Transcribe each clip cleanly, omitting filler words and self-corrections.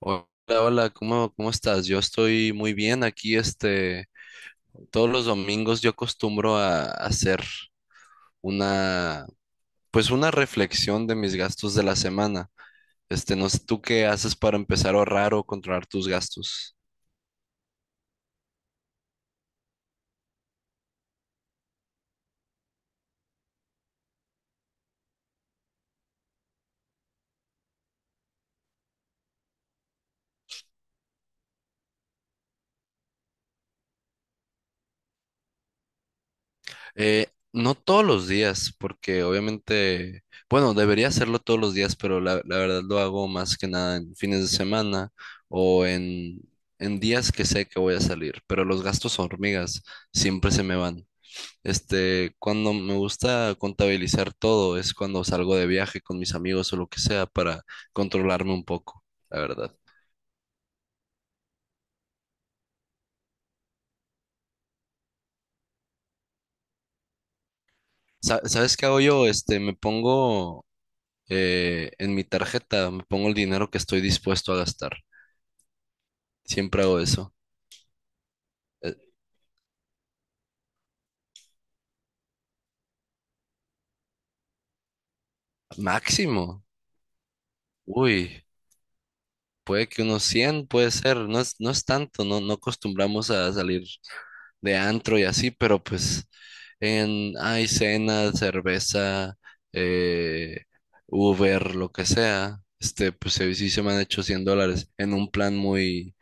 Hola, hola, ¿cómo estás? Yo estoy muy bien aquí, este, todos los domingos yo acostumbro a hacer una, pues una reflexión de mis gastos de la semana. Este, no sé, ¿tú qué haces para empezar a ahorrar o controlar tus gastos? Eh, no todos los días, porque obviamente, bueno, debería hacerlo todos los días, pero la verdad lo hago más que nada en fines de semana o en días que sé que voy a salir, pero los gastos hormigas siempre se me van. Este, cuando me gusta contabilizar todo es cuando salgo de viaje con mis amigos o lo que sea para controlarme un poco, la verdad. ¿Sabes qué hago yo? Este, me pongo en mi tarjeta, me pongo el dinero que estoy dispuesto a gastar. Siempre hago eso. Eh, Máximo. Uy, puede que unos 100 puede ser. No es tanto, no, no acostumbramos a salir de antro y así, pero pues hay cena, cerveza, eh, Uber, lo que sea. Este, pues sí, sí se me han hecho $100 en un plan muy,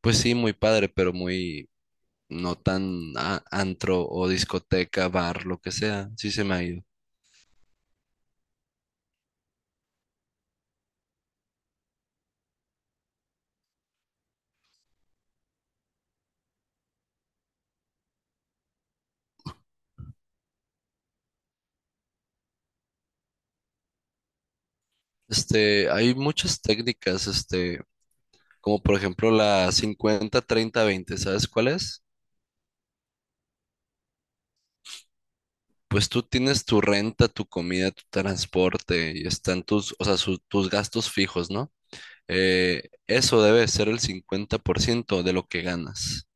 pues sí, muy padre, pero muy no tan antro o discoteca, bar, lo que sea. Sí se me ha ido. Este, hay muchas técnicas, este. Como por ejemplo la 50/30/20, ¿sabes cuál es? Pues tú tienes tu renta, tu comida, tu transporte y están tus, o sea, tus gastos fijos, ¿no? Eso debe ser el 50% de lo que ganas.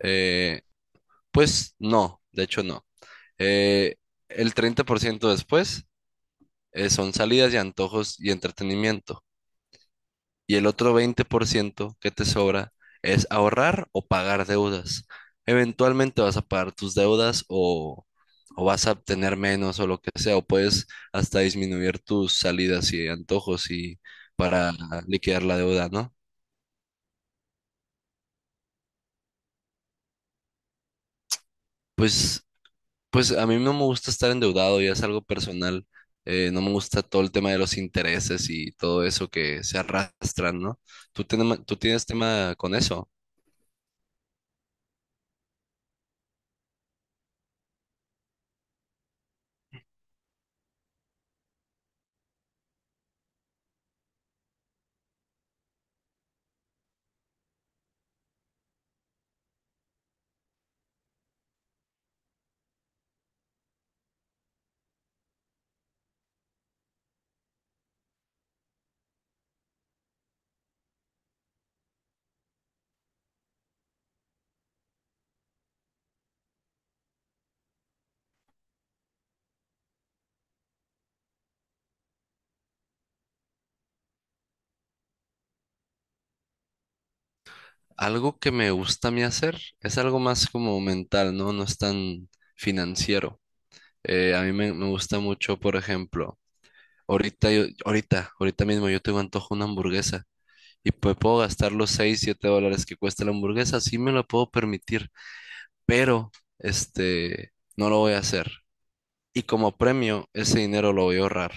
Eh, pues no, de hecho no. Eh, el 30% después son salidas y antojos y entretenimiento. Y el otro 20% que te sobra es ahorrar o pagar deudas. Eventualmente vas a pagar tus deudas o vas a obtener menos o lo que sea, o puedes hasta disminuir tus salidas y antojos y para liquidar la deuda, ¿no? Pues, pues, a mí no me gusta estar endeudado, ya es algo personal. No me gusta todo el tema de los intereses y todo eso que se arrastran, ¿no? ¿Tú tienes tema con eso? Algo que me gusta a mí hacer es algo más como mental, ¿no? No es tan financiero. A mí me gusta mucho, por ejemplo, ahorita mismo yo tengo antojo de una hamburguesa y pues puedo gastar los 6 7 dólares que cuesta la hamburguesa, sí me lo puedo permitir, pero este, no lo voy a hacer. Y como premio, ese dinero lo voy a ahorrar.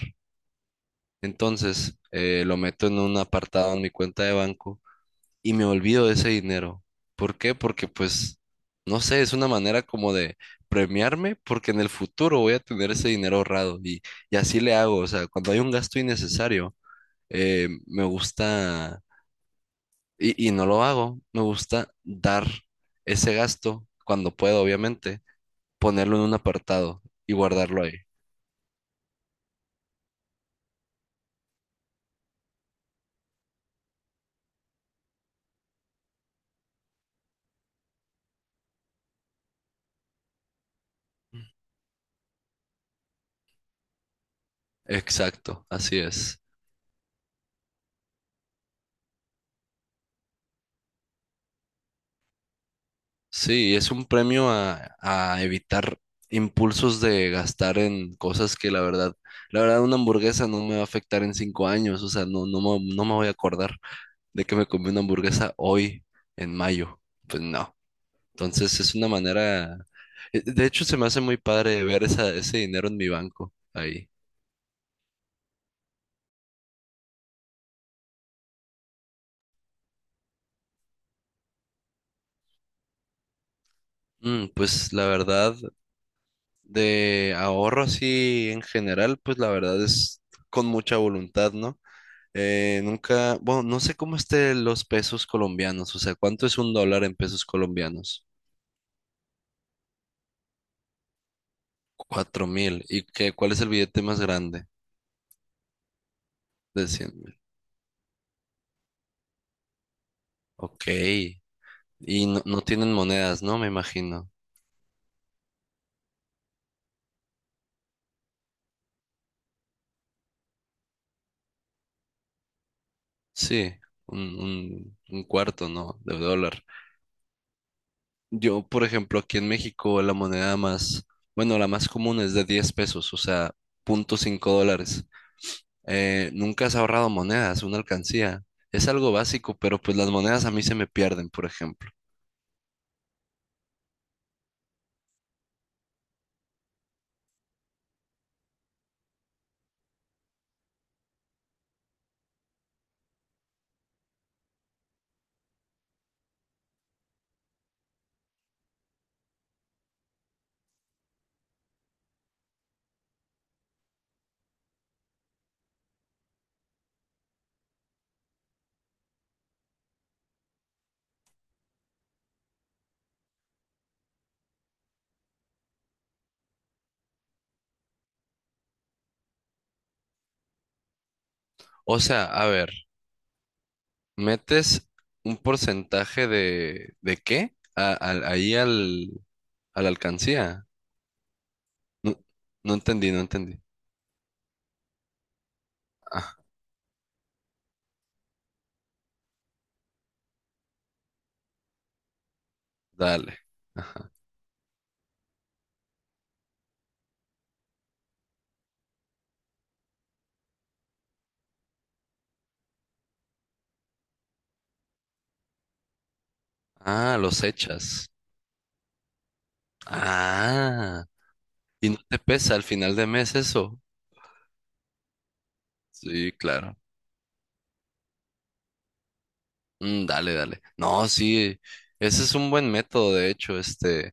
Entonces, lo meto en un apartado en mi cuenta de banco y me olvido de ese dinero. ¿Por qué? Porque pues, no sé, es una manera como de premiarme porque en el futuro voy a tener ese dinero ahorrado y así le hago. O sea, cuando hay un gasto innecesario, me gusta, y no lo hago, me gusta dar ese gasto cuando puedo, obviamente, ponerlo en un apartado y guardarlo ahí. Exacto, así es. Sí, es un premio a evitar impulsos de gastar en cosas que la verdad una hamburguesa no me va a afectar en 5 años, o sea, no, no, no me voy a acordar de que me comí una hamburguesa hoy en mayo, pues no. Entonces es una manera, de hecho se me hace muy padre ver ese dinero en mi banco ahí. Pues la verdad, de ahorro así en general, pues la verdad es con mucha voluntad, ¿no? Nunca, bueno, no sé cómo estén los pesos colombianos, o sea, ¿cuánto es un dólar en pesos colombianos? 4000. ¿Y qué, cuál es el billete más grande? De 100,000. Ok. Y no, no tienen monedas, ¿no? Me imagino. Sí, un cuarto, ¿no? De dólar. Yo, por ejemplo, aquí en México la moneda más, bueno, la más común es de 10 pesos, o sea, 0.5 dólares. Nunca has ahorrado monedas, una alcancía. Es algo básico, pero pues las monedas a mí se me pierden, por ejemplo. O sea, a ver, metes un porcentaje ¿de qué? Ahí a la alcancía. No, no entendí, no entendí. Ah, dale. Ajá. Ah, los echas. Ah, y no te pesa al final de mes eso. Sí, claro. Mm, dale, dale. No, sí, ese es un buen método, de hecho, este.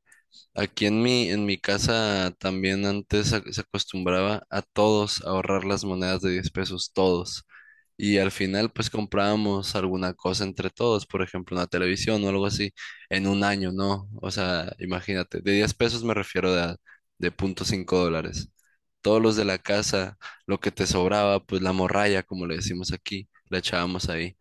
Aquí en mi casa también antes se acostumbraba a todos a ahorrar las monedas de 10 pesos, todos. Y al final pues comprábamos alguna cosa entre todos, por ejemplo una televisión o algo así, en un año, ¿no? O sea, imagínate, de 10 pesos me refiero de 0.5 dólares. Todos los de la casa, lo que te sobraba, pues la morralla, como le decimos aquí, la echábamos ahí.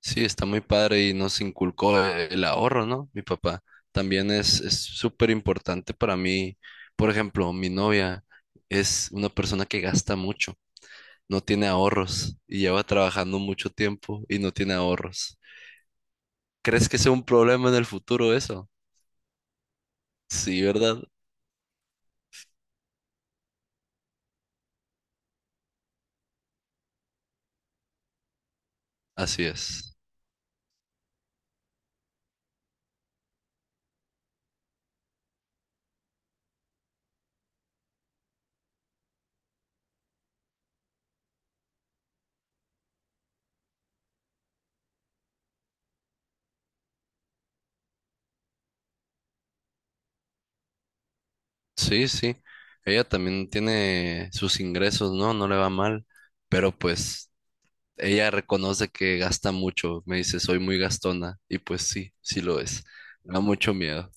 Sí, está muy padre y nos inculcó el ahorro, ¿no? Mi papá también es súper importante para mí. Por ejemplo, mi novia es una persona que gasta mucho, no tiene ahorros y lleva trabajando mucho tiempo y no tiene ahorros. ¿Crees que sea un problema en el futuro eso? Sí, ¿verdad? Así es. Sí, sí. Ella también tiene sus ingresos, ¿no? No le va mal, pero pues ella reconoce que gasta mucho, me dice, soy muy gastona, y pues sí, sí lo es. Me da mucho miedo.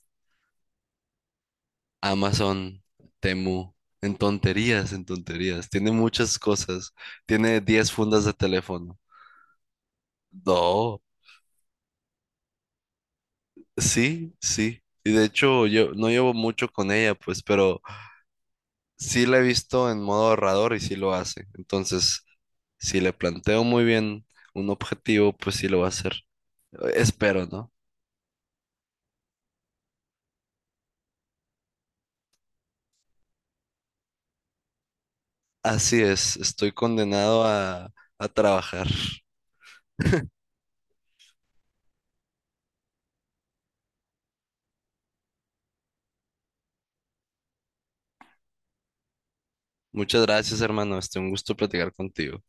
Amazon, Temu, en tonterías, en tonterías. Tiene muchas cosas. Tiene 10 fundas de teléfono. No, sí, sí. Y de hecho, yo no llevo mucho con ella, pues, pero sí la he visto en modo ahorrador y sí lo hace. Entonces, si le planteo muy bien un objetivo, pues sí lo va a hacer. Espero, ¿no? Así es, estoy condenado a trabajar. Muchas gracias, hermano. Este, un gusto platicar contigo.